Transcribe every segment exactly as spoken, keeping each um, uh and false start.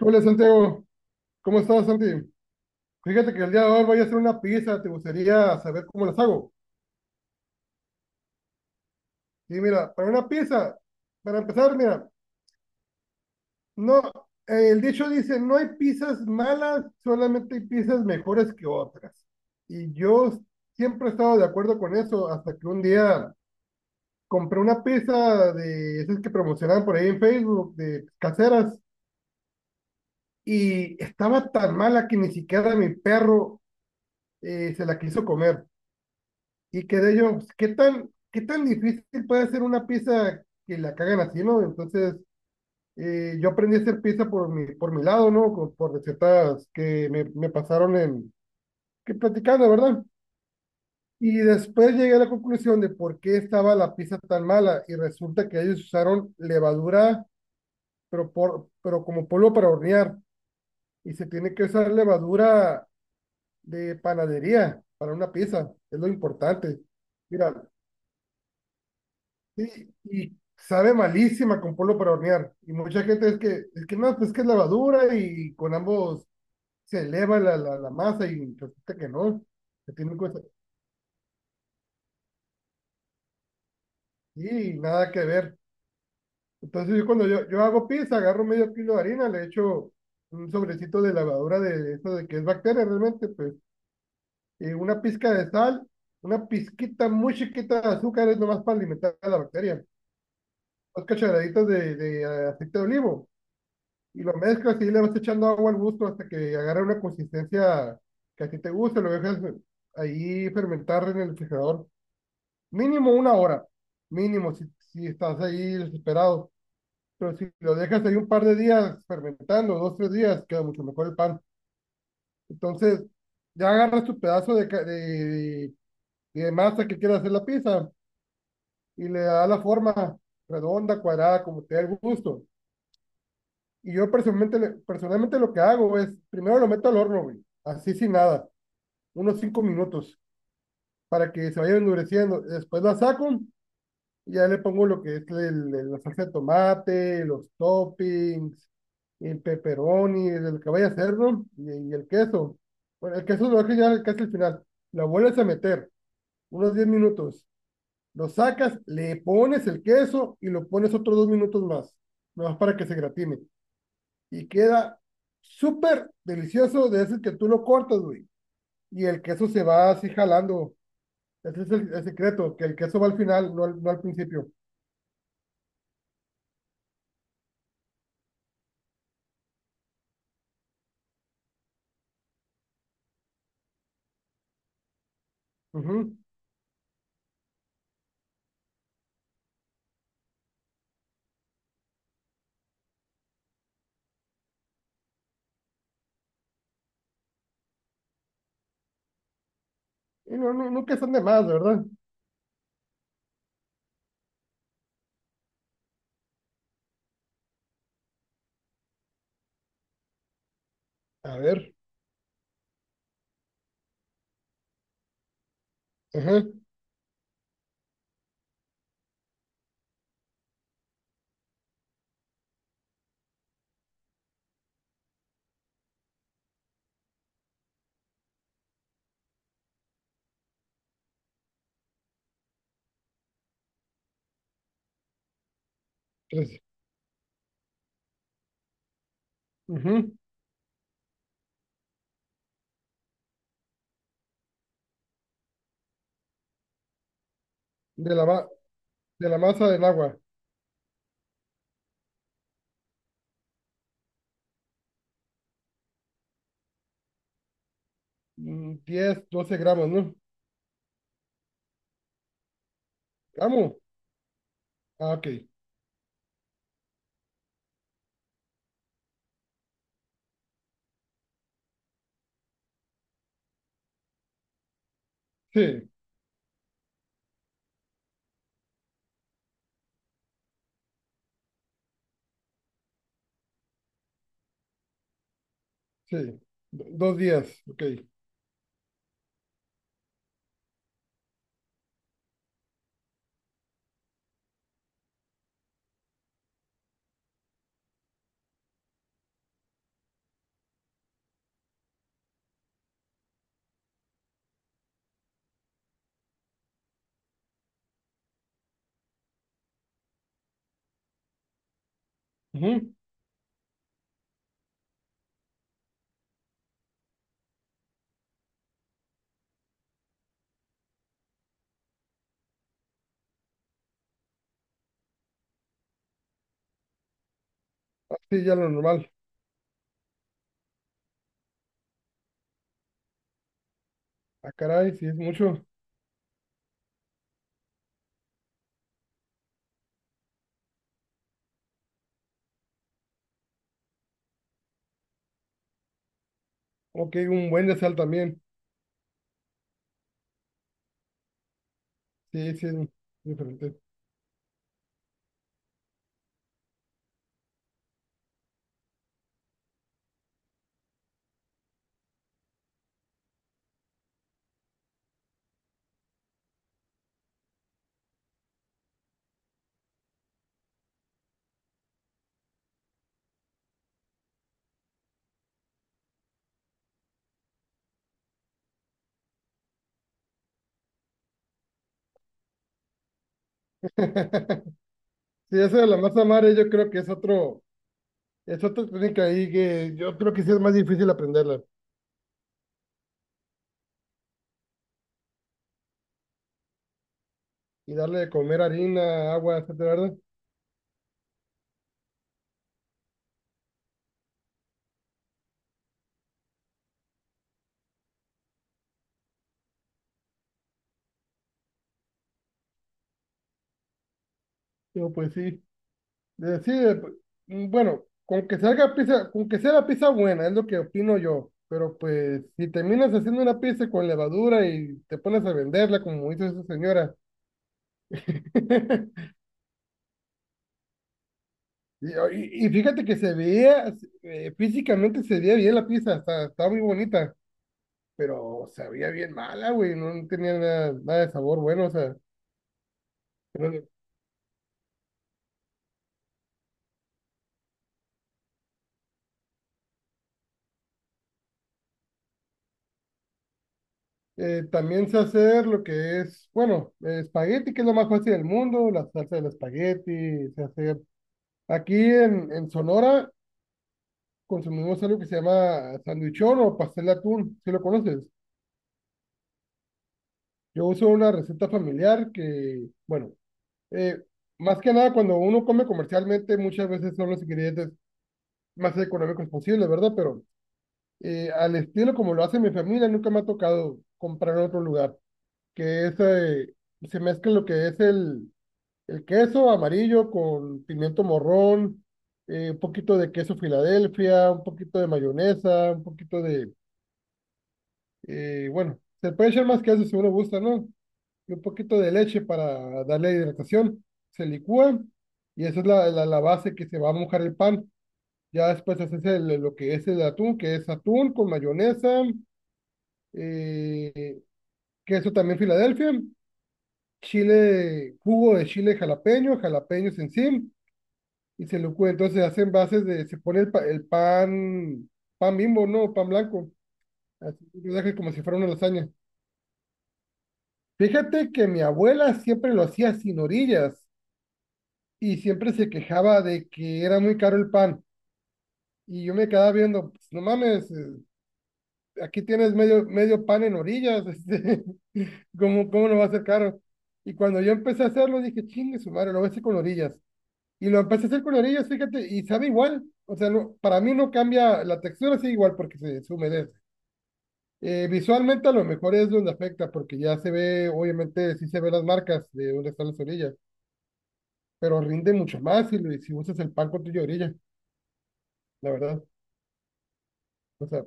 Hola Santiago, ¿cómo estás Santi? Fíjate que el día de hoy voy a hacer una pizza, ¿te gustaría saber cómo las hago? Y mira, para una pizza, para empezar, mira, no, eh, el dicho dice, no hay pizzas malas, solamente hay pizzas mejores que otras. Y yo siempre he estado de acuerdo con eso, hasta que un día compré una pizza de esas que promocionaban por ahí en Facebook, de caseras, y estaba tan mala que ni siquiera mi perro eh, se la quiso comer. Y quedé yo, pues, ¿qué tan, qué tan difícil puede ser una pizza que la cagan así, no? Entonces, eh, yo aprendí a hacer pizza por mi, por mi lado, ¿no? Con- Por recetas que me, me pasaron en, que platicando, ¿verdad? Y después llegué a la conclusión de por qué estaba la pizza tan mala y resulta que ellos usaron levadura, pero, por, pero como polvo para hornear y se tiene que usar levadura de panadería para una pizza, es lo importante. Mira, sí, y sabe malísima con polvo para hornear. Y mucha gente es que, es que no, pues es que es levadura y con ambos se eleva la, la, la masa y resulta que no, que tiene cosa. Sí, nada que ver. Entonces yo, cuando yo, yo hago pizza, agarro medio kilo de harina, le echo un sobrecito de levadura de eso de que es bacteria realmente, pues, y una pizca de sal, una pizquita muy chiquita de azúcar es nomás para alimentar a la bacteria, dos cucharaditas de, de eh, aceite de olivo. Y lo mezclas y le vas echando agua al gusto hasta que agarre una consistencia que a ti te guste, lo dejas ahí fermentar en el refrigerador. Mínimo una hora, mínimo si, si estás ahí desesperado. Pero si lo dejas ahí un par de días fermentando, dos, tres días, queda mucho mejor el pan. Entonces, ya agarras tu pedazo de, ca- de, de, de masa que quieras hacer la pizza y le das la forma redonda, cuadrada, como te dé el gusto. Y yo personalmente, le- personalmente lo que hago es, primero lo meto al horno, güey, así sin nada, unos cinco minutos, para que se vaya endureciendo. Después la saco y ya le pongo lo que es el- el- la salsa de tomate, los toppings, el pepperoni, el que vaya a hacer, ¿no? Y, y el queso. Bueno, el queso lo dejo ya casi al final. Lo vuelves a meter, unos diez minutos. Lo sacas, le pones el queso y lo pones otros dos minutos más, más para que se gratine. Y queda súper delicioso de ese que tú lo cortas, güey. Y el queso se va así jalando. Ese es el, el secreto, que el queso va al final, no al, no al principio. Ujú. Y no, no, nunca están de más, ¿verdad? A ver. Ajá. Tres. Ujú. De la, ma- de la masa del agua. mm, diez, doce gramos, ¿no? ¿Gramo? Ah, ok. Sí, sí. Do- Dos días, ok. Ujú. Ah, sí, ya lo normal. Ah, caray, sí es mucho. Ok, un buen de sal también. Sí, sí, es diferente. Sí, eso de la masa madre yo creo que es otro, es otra técnica ahí que yo creo que sí es más difícil aprenderla y darle de comer harina, agua, etcétera, ¿verdad? Digo, pues sí, de- sí, de- mm, bueno, con que salga pizza, con que sea la pizza buena, es lo que opino yo, pero pues si terminas haciendo una pizza con levadura y te pones a venderla, como hizo esa señora. y, y- y fíjate que se veía, eh, físicamente se veía bien la pizza, está, está muy bonita, pero sabía bien mala, güey, no tenía nada, nada de sabor bueno, o sea, pero, eh, también sé hacer lo que es, bueno, eh, espagueti, que es lo más fácil del mundo, la salsa del espagueti, sé hacer. Aquí en, en Sonora consumimos algo que se llama sandwichón o pastel de atún, si lo conoces. Yo uso una receta familiar que, bueno, eh, más que nada cuando uno come comercialmente, muchas veces son los ingredientes más económicos posibles, ¿verdad? Pero eh, al estilo como lo hace mi familia, nunca me ha tocado comprar en otro lugar, que es, eh, se mezcla lo que es el, el queso amarillo con pimiento morrón, eh, un poquito de queso Filadelfia, un poquito de mayonesa, un poquito de, eh, bueno, se puede echar más queso si uno gusta, ¿no? Y un poquito de leche para darle hidratación, se licúa y esa es la, la, la base que se va a mojar el pan. Ya después haces el- lo que es el atún, que es atún con mayonesa, eh, queso también Filadelfia, chile, jugo de chile jalapeño, jalapeños en sí, y se lo cue- entonces hacen bases de, se pone el, pa- el pan, pan bimbo, ¿no? Pan blanco, así lo deja como si fuera una lasaña. Fíjate que mi abuela siempre lo hacía sin orillas y siempre se quejaba de que era muy caro el pan. Y yo me quedaba viendo, pues, no mames, eh, aquí tienes medio, medio pan en orillas, este, ¿cómo, cómo no va a ser caro? Y cuando yo empecé a hacerlo, dije, chingue su madre, lo voy a hacer con orillas. Y lo empecé a hacer con orillas, fíjate, y sabe igual. O sea, no- para mí no cambia, la textura sigue igual porque se, se humedece. Eh, visualmente a lo mejor es donde afecta, porque ya se ve, obviamente sí se ven las marcas de dónde están las orillas, pero rinde mucho más si, lo- si usas el pan con tu orilla, la verdad. O sea,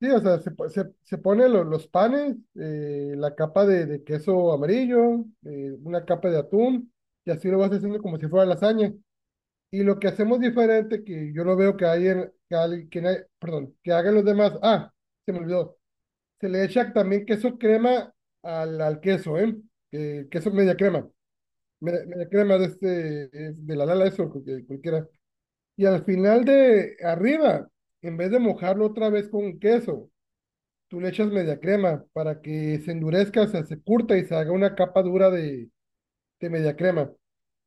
sí, o sea, se, po- se, se pone lo- los panes, eh, la capa de, de queso amarillo, eh, una capa de atún, y así lo vas haciendo como si fuera lasaña. Y lo que hacemos diferente, que yo no veo que hay en, que alguien, que hay- perdón, que hagan los demás. Ah, se me olvidó. Se le echa también queso crema al, al queso, ¿eh? Eh, queso media crema. Media, media crema de este, eh, de la lala, eso, cualquier- cualquiera. Y al final de arriba, en vez de mojarlo otra vez con queso, tú le echas media crema para que se endurezca, o sea, se curta y se haga una capa dura de, de media crema.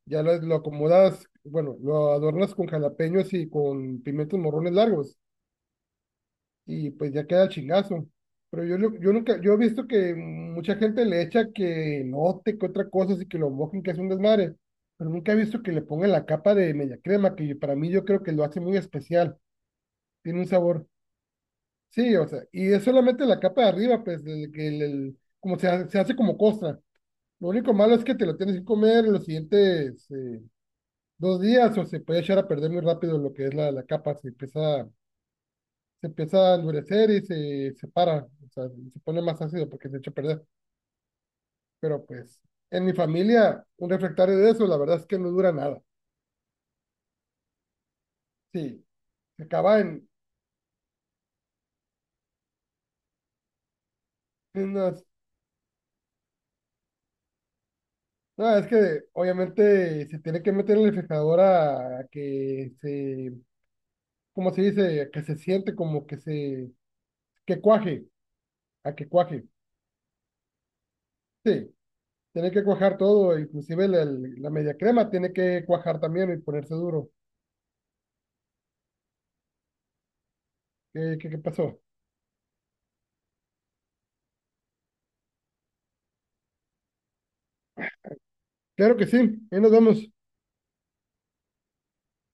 Ya lo, lo acomodas, bueno, lo adornas con jalapeños y con pimientos morrones largos y pues ya queda el chingazo. Pero yo, lo- yo nunca, yo he visto que mucha gente le echa que note que otra cosa, así que lo mojen, que es un desmadre. Pero nunca he visto que le pongan la capa de media crema, que para mí yo creo que lo hace muy especial. Tiene un sabor. Sí, o sea, y es solamente la capa de arriba, pues, del- que el- el- como se, ha- se hace como costra. Lo único malo es que te lo tienes que comer en los siguientes, eh, dos días o se puede echar a perder muy rápido lo que es la, la capa, se empieza, se empieza a endurecer y se separa, o sea, se pone más ácido porque se echa a perder. Pero pues en mi familia, un refractario de eso, la verdad es que no dura nada. Sí, se acaba en, en unas... No, es que obviamente se tiene que meter en el refrigerador a, a que se, ¿cómo se dice? A que se siente como que se, que cuaje, a que cuaje. Sí, tiene que cuajar todo, inclusive el- el- la media crema tiene que cuajar también y ponerse duro. ¿Qué, qué, qué pasó? Claro que sí, ahí nos vemos.